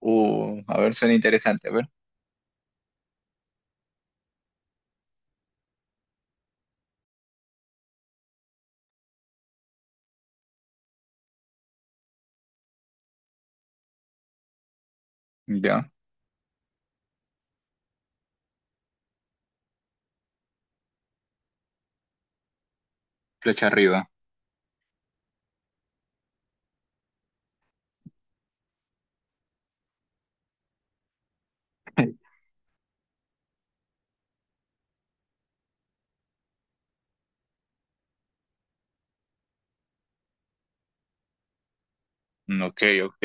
A ver, suena interesante, a ver. Ya, flecha arriba. Mm, ok, ok.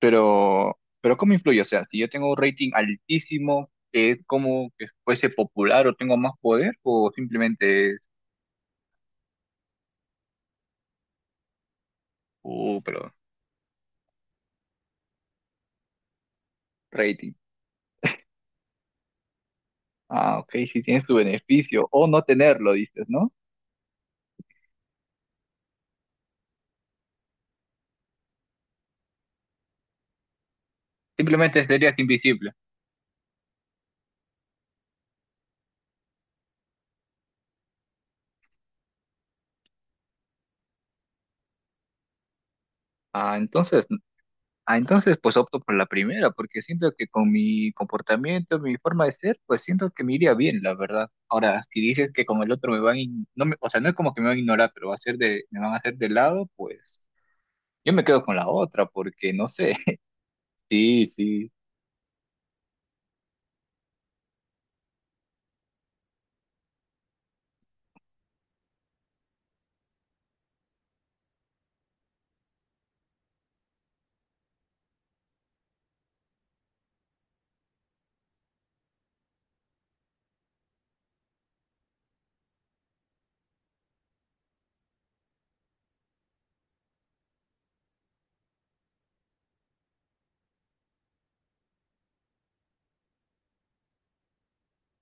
Pero ¿cómo influye? O sea, si yo tengo un rating altísimo, ¿es como que fuese popular o tengo más poder? ¿O simplemente es, pero rating? Ah, ok, si tienes tu beneficio o no tenerlo, dices, ¿no? Simplemente serías invisible. Ah, entonces. Ah, entonces pues opto por la primera, porque siento que con mi comportamiento, mi forma de ser, pues siento que me iría bien, la verdad. Ahora, si dices que con el otro me van, no me, o sea, no es como que me van a ignorar, pero va a ser de, me van a hacer de lado, pues yo me quedo con la otra, porque no sé. Sí, sí,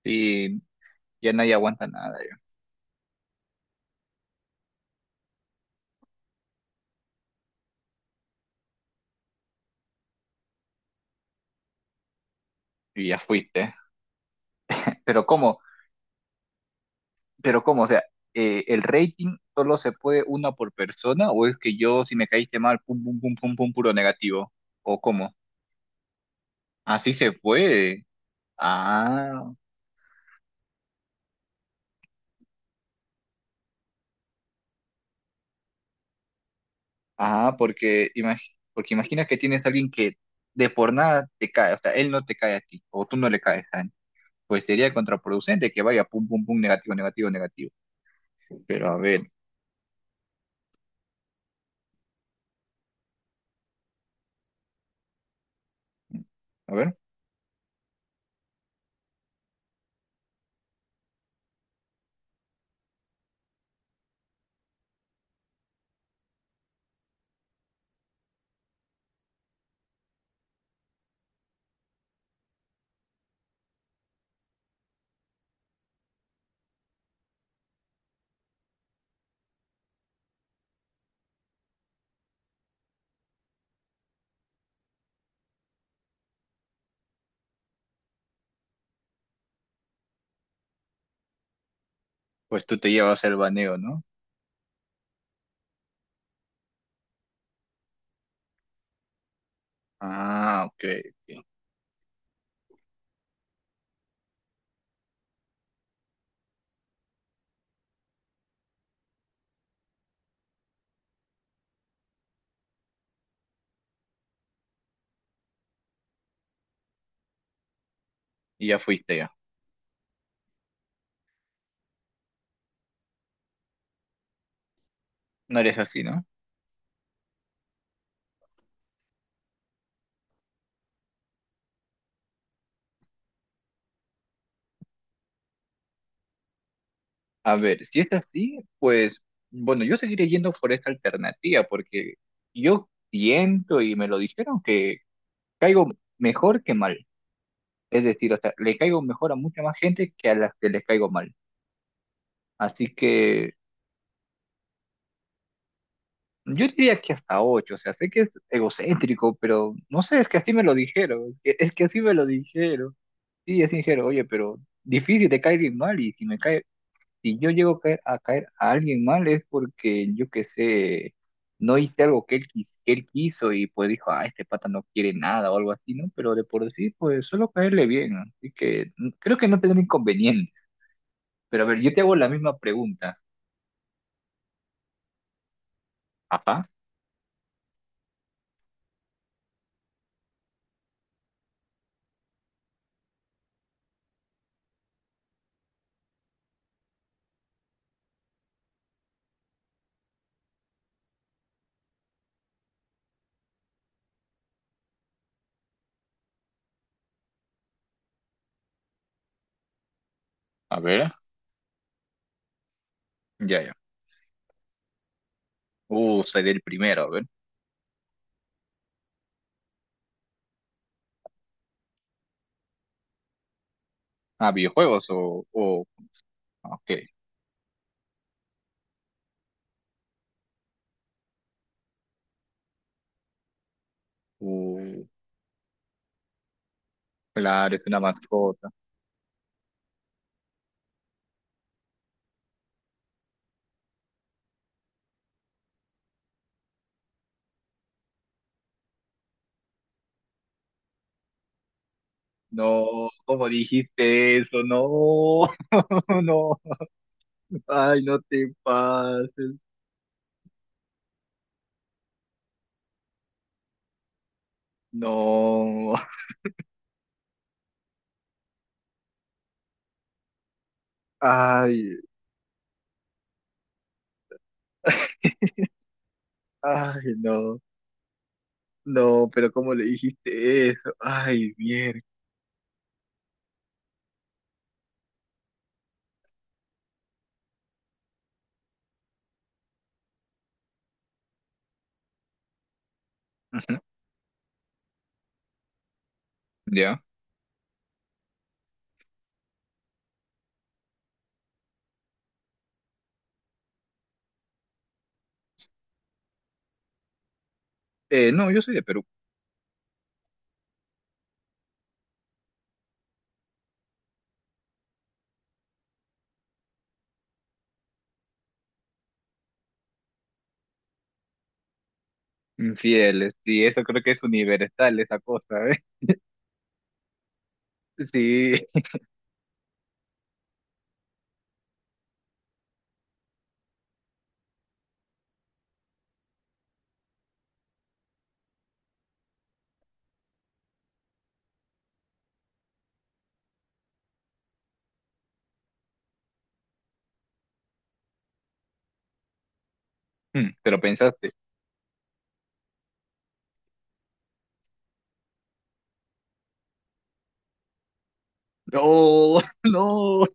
sí, ya nadie aguanta nada, ya, y ya fuiste. Pero cómo, pero cómo, o sea, ¿el rating solo se puede una por persona o es que yo si me caíste mal, pum, pum, pum, pum, pum, puro negativo? ¿O cómo? Así se puede. Ah, ah, porque, porque imaginas que tienes a alguien que de por nada te cae, o sea, él no te cae a ti, o tú no le caes a él. Pues sería contraproducente que vaya pum, pum, pum, negativo, negativo, negativo. Pero a ver, pues tú te llevas el baneo, ¿no? Ah, ok, ok. Y ya fuiste ya. No eres así, ¿no? A ver, si es así, pues, bueno, yo seguiré yendo por esta alternativa, porque yo siento y me lo dijeron que caigo mejor que mal. Es decir, o sea, le caigo mejor a mucha más gente que a las que les caigo mal. Así que yo diría que hasta 8, o sea, sé que es egocéntrico, pero no sé, es que así me lo dijeron, es que así me lo dijeron. Sí, así dijeron, oye, pero difícil te cae alguien mal y si me cae, si yo llego a caer a alguien mal es porque yo qué sé, no hice algo que él, que él quiso y pues dijo, ah, este pata no quiere nada o algo así, ¿no? Pero de por sí, pues solo caerle bien, así que mm, creo que no tendrá inconveniente. Pero a ver, yo te hago la misma pregunta. Ajá, a ver, ya, ya. Seré el primero, a ver. Ah, videojuegos o? Ah, ok. Uh, claro, es una mascota. No, ¿cómo dijiste eso? No, no. Ay, no te pases. No. Ay, ay, no. No, pero ¿cómo le dijiste eso? Ay, mierda. Ujú. Ya. No, yo soy de Perú. Infieles, sí, eso creo que es universal, esa cosa, ¿eh? Sí, pero pensaste. No, no.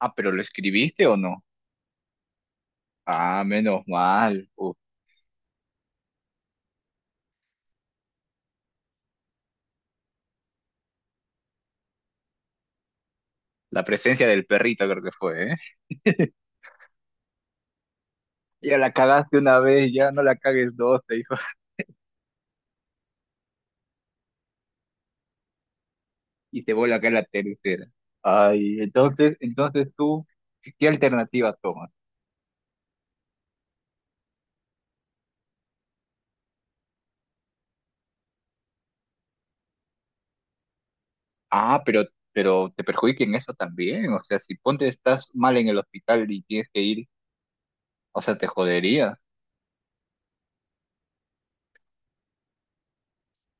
Ah, pero ¿lo escribiste o no? Ah, menos mal. Uf, la presencia del perrito creo que fue, ¿eh? Ya la cagaste una vez, ya no la cagues dos, te dijo. Y te vuelve a caer la tercera. Ay, entonces, entonces tú, ¿qué, qué alternativa tomas? Ah, pero te perjudica en eso también. O sea, si ponte estás mal en el hospital y tienes que ir, o sea, te jodería.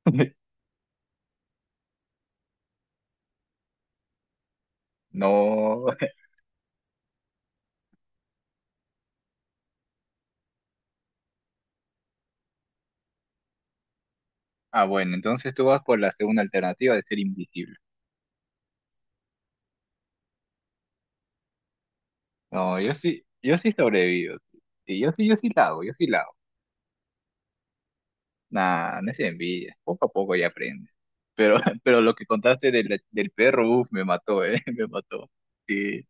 No. Ah, bueno, entonces tú vas por la segunda alternativa de ser invisible. No, yo sí, yo sí sobrevivo. Sí, yo sí, yo sí la hago, yo sí la hago. Nah, no es envidia. Poco a poco ya aprendes. Pero, pero lo que contaste del, del perro, uff, me mató, me mató. Sí,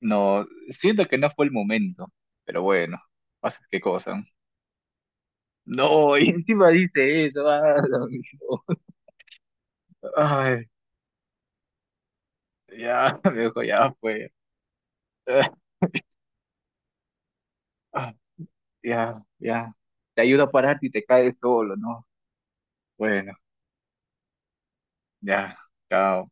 no, siento que no fue el momento. Pero bueno, pasa qué cosa. No, y encima dice eso. Ah, lo mismo. Ay, ya, viejo, ya fue. Ah, ya, ya. Te ayuda a pararte y te caes solo, ¿no? Bueno, ya, chao.